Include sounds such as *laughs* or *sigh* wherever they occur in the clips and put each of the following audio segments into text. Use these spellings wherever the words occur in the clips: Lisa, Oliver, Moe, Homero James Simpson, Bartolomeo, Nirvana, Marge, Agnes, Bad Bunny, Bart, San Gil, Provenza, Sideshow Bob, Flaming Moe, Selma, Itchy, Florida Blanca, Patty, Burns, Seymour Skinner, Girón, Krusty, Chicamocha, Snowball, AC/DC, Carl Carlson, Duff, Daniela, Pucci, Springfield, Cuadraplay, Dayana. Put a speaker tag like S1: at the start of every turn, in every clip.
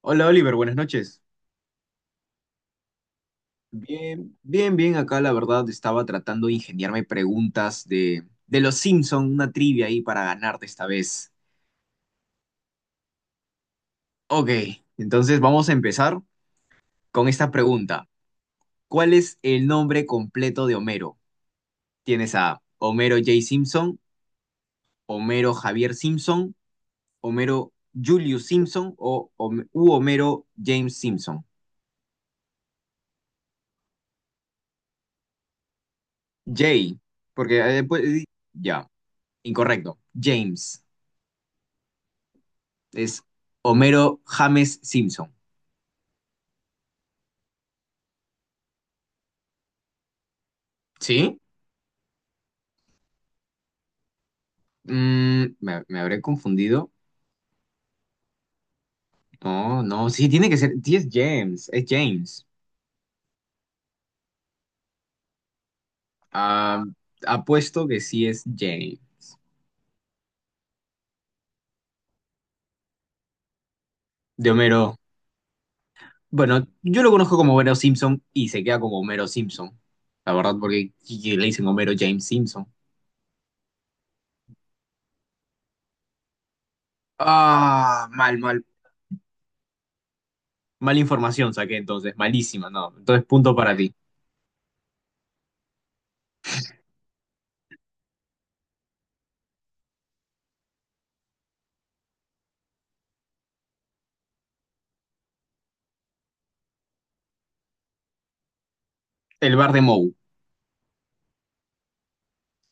S1: Hola Oliver, buenas noches. Bien, bien, bien. Acá la verdad estaba tratando de ingeniarme preguntas de los Simpson, una trivia ahí para ganarte esta vez. Ok, entonces vamos a empezar con esta pregunta. ¿Cuál es el nombre completo de Homero? ¿Tienes a Homero J. Simpson, Homero Javier Simpson, Homero Julius Simpson o Hom- u Homero James Simpson? J, porque pues, ya, incorrecto. James. Es Homero James Simpson. ¿Sí? Me habré confundido. No, no, sí, tiene que ser. Sí, es James, es James. Ah, apuesto que sí es James. De Homero. Bueno, yo lo conozco como Homero Simpson y se queda como Homero Simpson. La verdad, porque sí, sí, le dicen Homero James Simpson. Ah, mal, mal. Mal información saqué entonces, malísima, no. Entonces, punto para ti. El bar de Moe.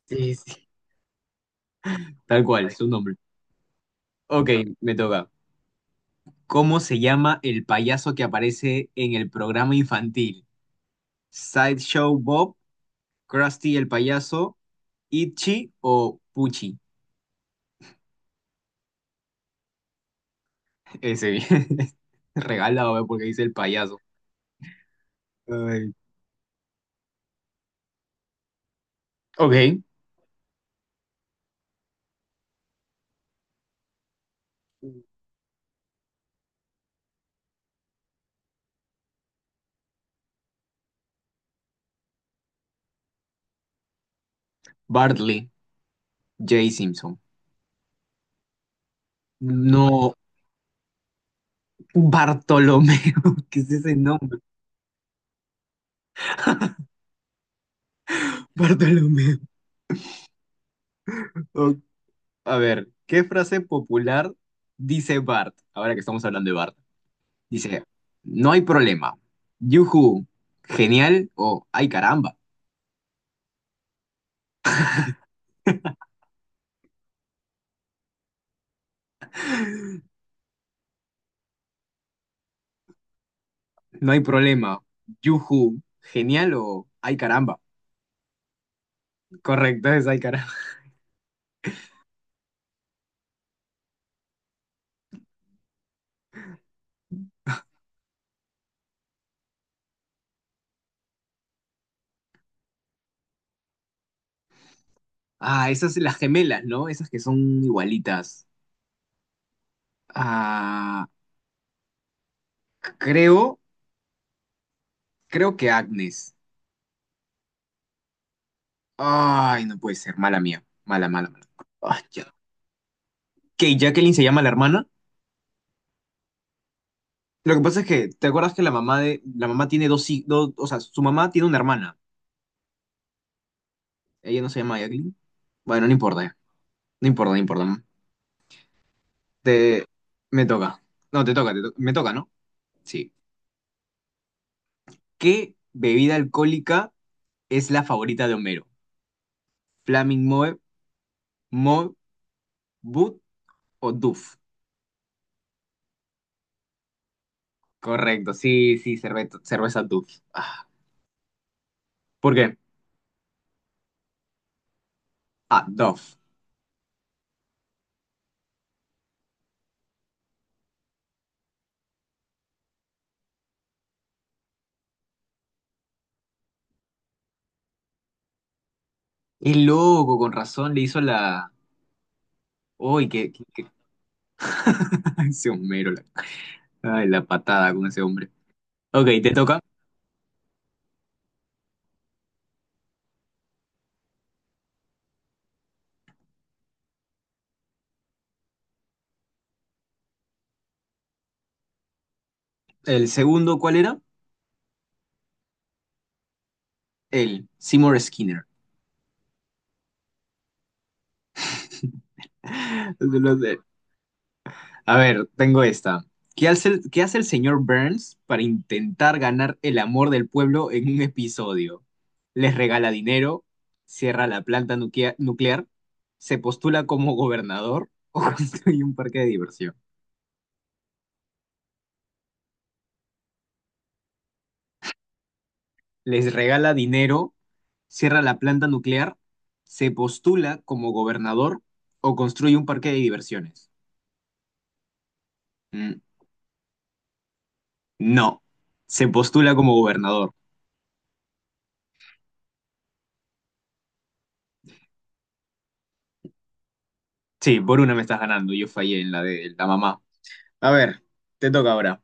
S1: Sí, sí. Tal cual, su nombre. Ok, me toca. ¿Cómo se llama el payaso que aparece en el programa infantil? ¿Sideshow Bob, Krusty el payaso, Itchy o Pucci? Ese bien. *laughs* Regalado, ¿eh? Porque dice el payaso. Ay. Ok. Bartley, Jay Simpson. No, Bartolomeo. *laughs* ¿Qué es ese nombre? Bartolomeo. Ok, a ver, ¿qué frase popular dice Bart? Ahora que estamos hablando de Bart. Dice, no hay problema. Yuhu, genial o ay caramba. No hay problema. Yuhu, genial o ay caramba. Correcto, es ay caramba. Ah, esas las gemelas, ¿no? Esas que son igualitas. Ah, creo, creo que Agnes. Ay, no puede ser, mala mía. Mala, mala, mala. Ay, ya. ¿Que Jacqueline se llama la hermana? Lo que pasa es que, ¿te acuerdas que la mamá de, la mamá tiene dos, dos, o sea, su mamá tiene una hermana. Ella no se llama Jacqueline. Bueno, no importa. No importa, no importa. Te, me toca. No, te toca, me toca, ¿no? Sí. ¿Qué bebida alcohólica es la favorita de Homero? ¿Flaming Moe, Moe, Boot o Duff? Correcto, sí, sí, cerveza Duff. Ah, ¿por qué? Ah, Duff. Es loco, con razón le hizo la... Uy, *laughs* ese Homero, la... Ay, la patada con ese hombre. Ok, te toca. El segundo, ¿cuál era? El Seymour Skinner. *laughs* A ver, tengo esta. Qué hace el señor Burns para intentar ganar el amor del pueblo en un episodio? ¿Les regala dinero? ¿Cierra la planta nuclear? ¿Se postula como gobernador *laughs* o construye un parque de diversión? ¿Les regala dinero? ¿Cierra la planta nuclear? ¿Se postula como gobernador o construye un parque de diversiones? Mm, no, se postula como gobernador. Sí, por una me estás ganando. Yo fallé en la de la mamá. A ver, te toca ahora.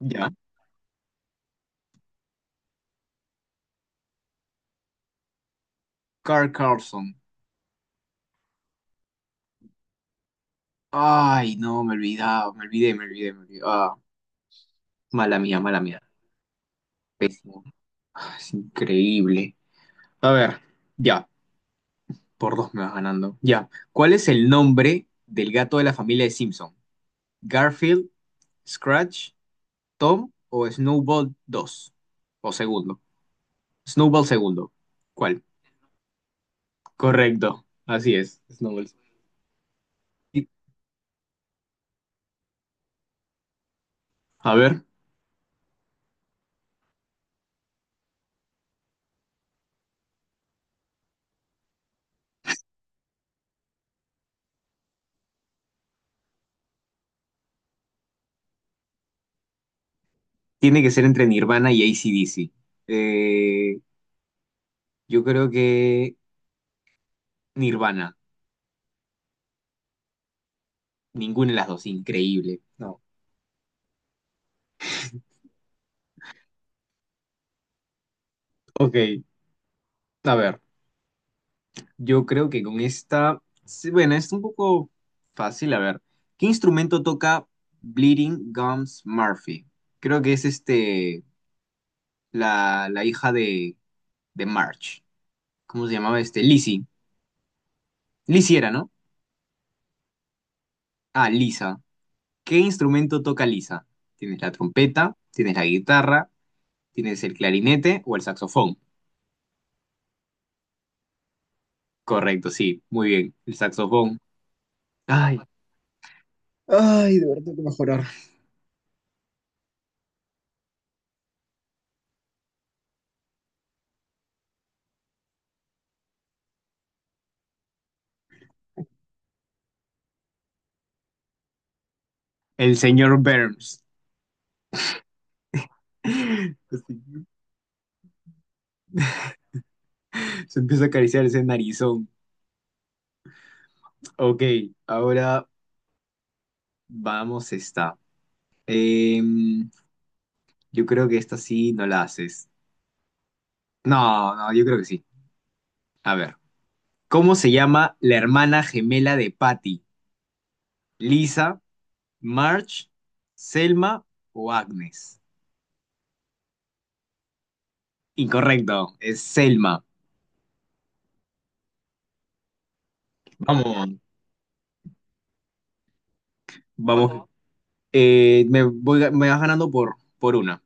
S1: Ya. Carl Carlson. Ay, no, me olvidé. Ah, mala mía, mala mía. Pésimo. Ah, es increíble. A ver, ya. Por dos me vas ganando. Ya. ¿Cuál es el nombre del gato de la familia de Simpson? ¿Garfield, Scratch, Tom o Snowball dos. O segundo. Snowball segundo. ¿Cuál? Correcto. Así es. Snowball. Y- A ver. Tiene que ser entre Nirvana y AC/DC. Eh, yo creo que Nirvana. Ninguna de las dos. Increíble. No. Ok. A ver. Yo creo que con esta. Sí, bueno, es un poco fácil. A ver. ¿Qué instrumento toca Bleeding Gums Murphy? Creo que es este. La hija de Marge. ¿Cómo se llamaba este? Lizzie. Lizzie era, ¿no? Ah, Lisa. ¿Qué instrumento toca Lisa? Tienes la trompeta, tienes la guitarra, tienes el clarinete o el saxofón. Correcto, sí, muy bien. El saxofón. Ay, ay, de verdad tengo que mejorar. El señor Burns. *laughs* Se empieza a acariciar ese narizón. Ok, ahora vamos esta. Em, yo creo que esta sí no la haces. No, no, yo creo que sí. A ver, ¿cómo se llama la hermana gemela de Patty? ¿Lisa, Marge, Selma o Agnes? Incorrecto, es Selma. Vamos. Vamos, me vas ganando por una.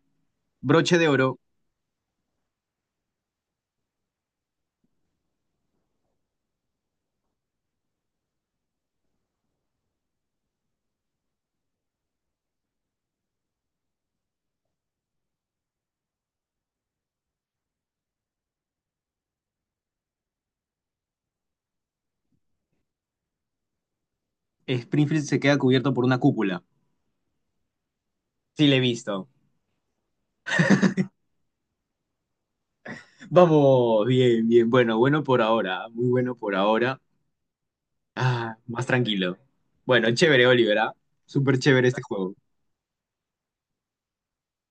S1: Broche de oro, Springfield se queda cubierto por una cúpula. Sí, le he visto. Vamos, bien, bien. Bueno, bueno por ahora, muy bueno por ahora. Ah, más tranquilo. Bueno, chévere, Olivera. Súper chévere este juego.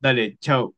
S1: Dale, chao.